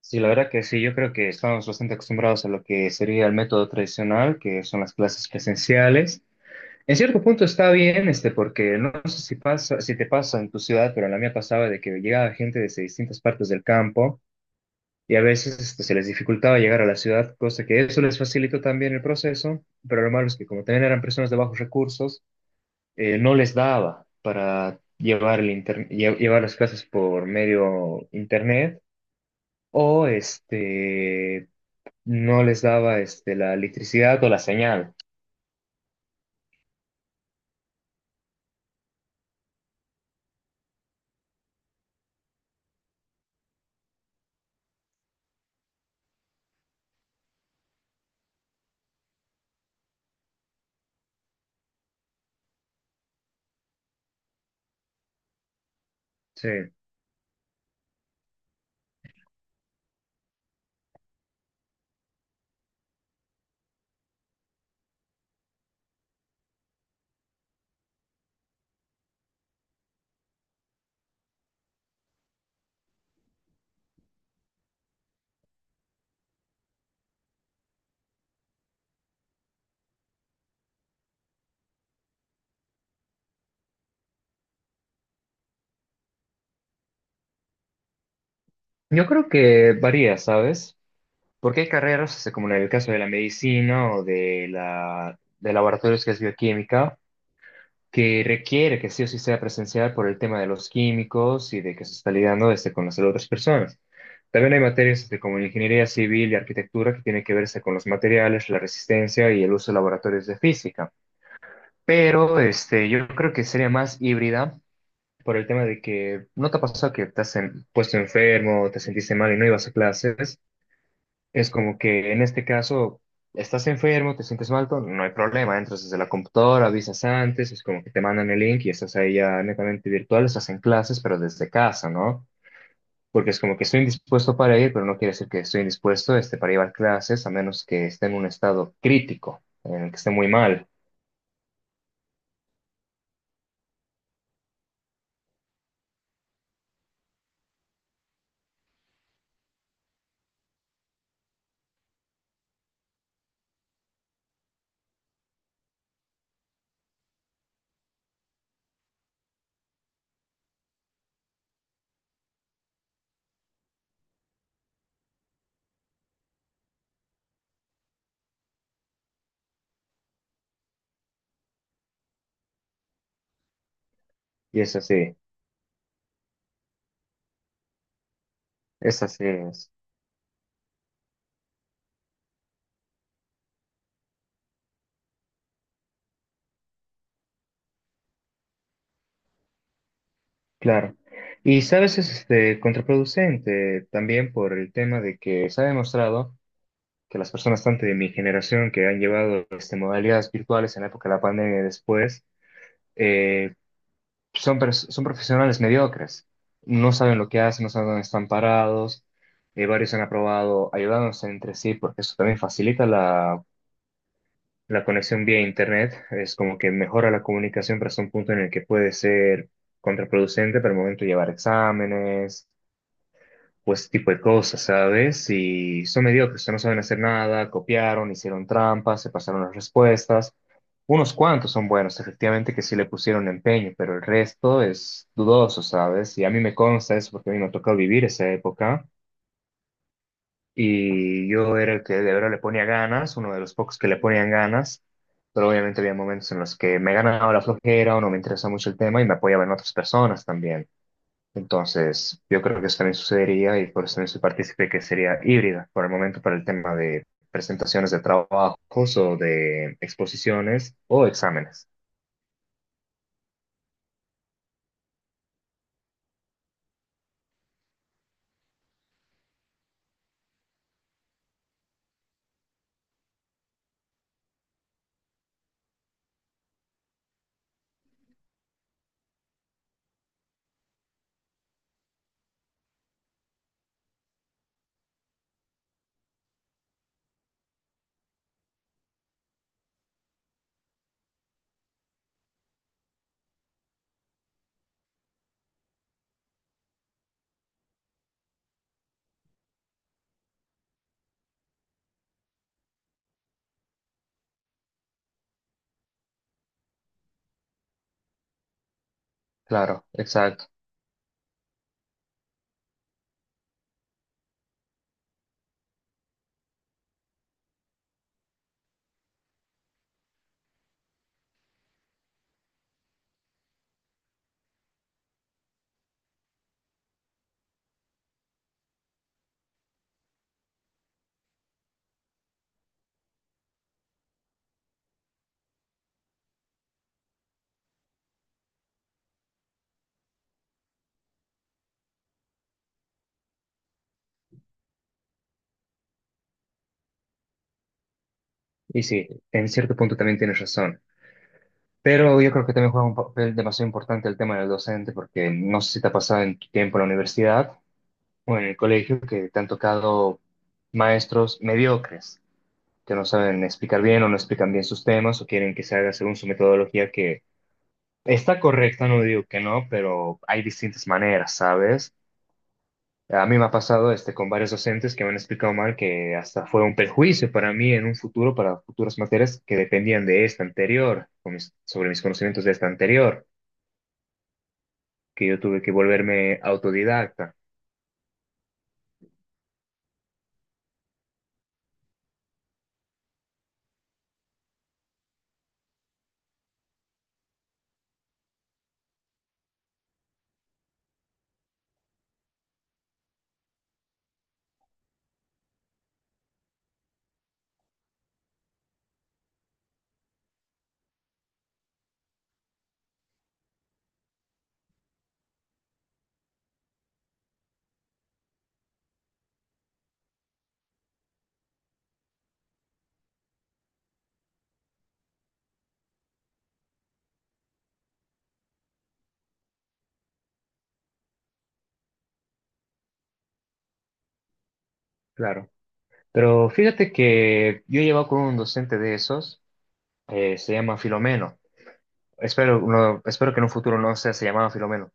Sí, la verdad que sí, yo creo que estamos bastante acostumbrados a lo que sería el método tradicional, que son las clases presenciales. En cierto punto está bien, porque no sé si pasa, si te pasa en tu ciudad, pero en la mía pasaba de que llegaba gente desde distintas partes del campo y a veces se les dificultaba llegar a la ciudad, cosa que eso les facilitó también el proceso, pero lo malo es que como también eran personas de bajos recursos, no les daba para llevar, llevar las clases por medio internet o no les daba la electricidad o la señal. Sí. Yo creo que varía, ¿sabes? Porque hay carreras, como en el caso de la medicina o de de laboratorios que es bioquímica, que requiere que sí o sí sea presencial por el tema de los químicos y de que se está lidiando con las de otras personas. También hay materias como en ingeniería civil y arquitectura que tienen que verse con los materiales, la resistencia y el uso de laboratorios de física. Pero yo creo que sería más híbrida por el tema de que no te ha pasado que puesto enfermo, te sentiste mal y no ibas a clases. Es como que en este caso estás enfermo, te sientes mal, todo, no hay problema, entras desde la computadora, avisas antes, es como que te mandan el link y estás ahí ya netamente virtual, estás en clases, pero desde casa, ¿no? Porque es como que estoy indispuesto para ir, pero no quiere decir que estoy indispuesto para llevar clases, a menos que esté en un estado crítico, en el que esté muy mal. Y es así, es así. Claro. Y sabes, es contraproducente también por el tema de que se ha demostrado que las personas tanto de mi generación que han llevado modalidades virtuales en la época de la pandemia y después, eh, son, son profesionales mediocres. No saben lo que hacen, no saben dónde están parados. Varios han aprobado ayudándose entre sí porque eso también facilita la conexión vía internet. Es como que mejora la comunicación, pero es un punto en el que puede ser contraproducente para el momento de llevar exámenes pues tipo de cosas, ¿sabes? Y son mediocres, no saben hacer nada, copiaron, hicieron trampas, se pasaron las respuestas. Unos cuantos son buenos, efectivamente, que sí le pusieron empeño, pero el resto es dudoso, ¿sabes? Y a mí me consta eso porque a mí me ha tocado vivir esa época y yo era el que de verdad le ponía ganas, uno de los pocos que le ponían ganas, pero obviamente había momentos en los que me ganaba la flojera o no me interesaba mucho el tema y me apoyaba en otras personas también. Entonces, yo creo que eso también sucedería y por eso también soy partícipe que sería híbrida por el momento para el tema de presentaciones de trabajos o de exposiciones o exámenes. Claro, exacto. Y sí, en cierto punto también tienes razón. Pero yo creo que también juega un papel demasiado importante el tema del docente porque no sé si te ha pasado en tu tiempo en la universidad o en el colegio que te han tocado maestros mediocres que no saben explicar bien o no explican bien sus temas o quieren que se haga según su metodología que está correcta, no digo que no, pero hay distintas maneras, ¿sabes? A mí me ha pasado con varios docentes que me han explicado mal que hasta fue un perjuicio para mí en un futuro, para futuras materias que dependían de esta anterior, sobre mis conocimientos de esta anterior, que yo tuve que volverme autodidacta. Claro. Pero fíjate que yo he llevado con un docente de esos, se llama Filomeno. Espero, espero que en un futuro no sea, se llamaba Filomeno.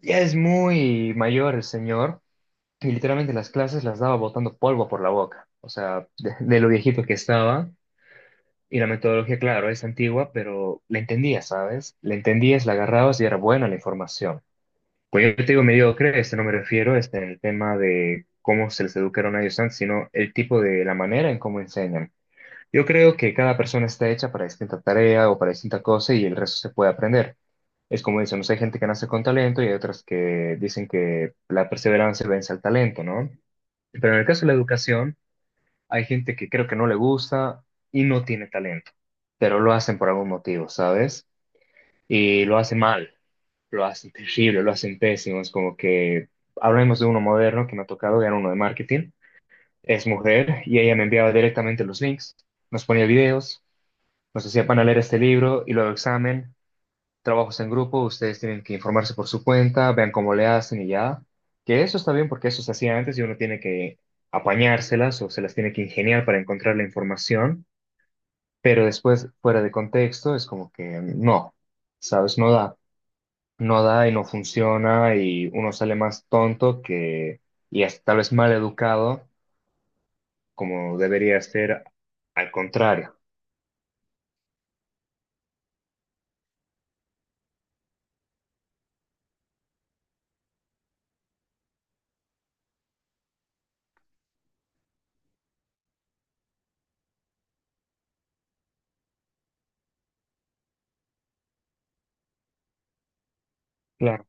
Ya es muy mayor el señor que literalmente las clases las daba botando polvo por la boca, o sea, de lo viejito que estaba. Y la metodología, claro, es antigua, pero la entendías, ¿sabes? La entendías, la agarrabas y era buena la información. Pues yo te digo mediocre, no me refiero en el tema de cómo se les educaron a ellos antes, sino el tipo de la manera en cómo enseñan. Yo creo que cada persona está hecha para distinta tarea o para distinta cosa y el resto se puede aprender. Es como dicen, no sé, hay gente que nace con talento y hay otras que dicen que la perseverancia vence al talento, ¿no? Pero en el caso de la educación, hay gente que creo que no le gusta y no tiene talento, pero lo hacen por algún motivo, ¿sabes? Y lo hacen mal, lo hacen terrible, lo hacen pésimo. Es como que hablemos de uno moderno que me ha tocado, era uno de marketing, es mujer y ella me enviaba directamente los links, nos ponía videos, nos hacía para leer este libro y luego examen, trabajos en grupo, ustedes tienen que informarse por su cuenta, vean cómo le hacen y ya. Que eso está bien porque eso se hacía antes y uno tiene que apañárselas o se las tiene que ingeniar para encontrar la información, pero después, fuera de contexto, es como que no, ¿sabes? No da, no da y no funciona y uno sale más tonto que, y hasta tal vez mal educado, como debería ser al contrario. Claro.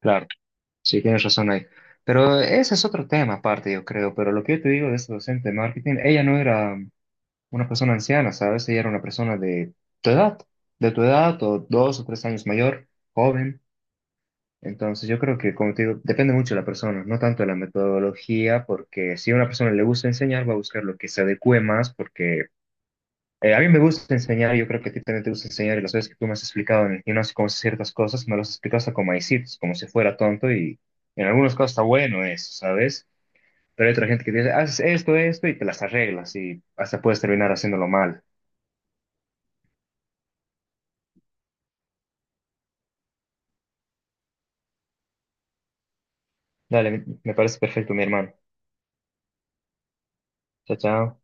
Claro. Sí, tienes razón ahí. Pero ese es otro tema aparte, yo creo. Pero lo que yo te digo de esta docente de marketing, ella no era una persona anciana, ¿sabes? Ella era una persona tu edad, de tu edad o dos o tres años mayor, joven. Entonces yo creo que, como te digo, depende mucho de la persona, no tanto de la metodología, porque si a una persona le gusta enseñar, va a buscar lo que se adecue más, porque a mí me gusta enseñar, yo creo que a ti también te gusta enseñar, y las veces que tú me has explicado en el gimnasio cómo hacer ciertas cosas, me las explicas como maicitos, como si fuera tonto, y en algunos casos está bueno eso, ¿sabes? Pero hay otra gente que te dice, haces esto, esto, y te las arreglas, y hasta puedes terminar haciéndolo mal. Dale, me parece perfecto, mi hermano. Chao, chao.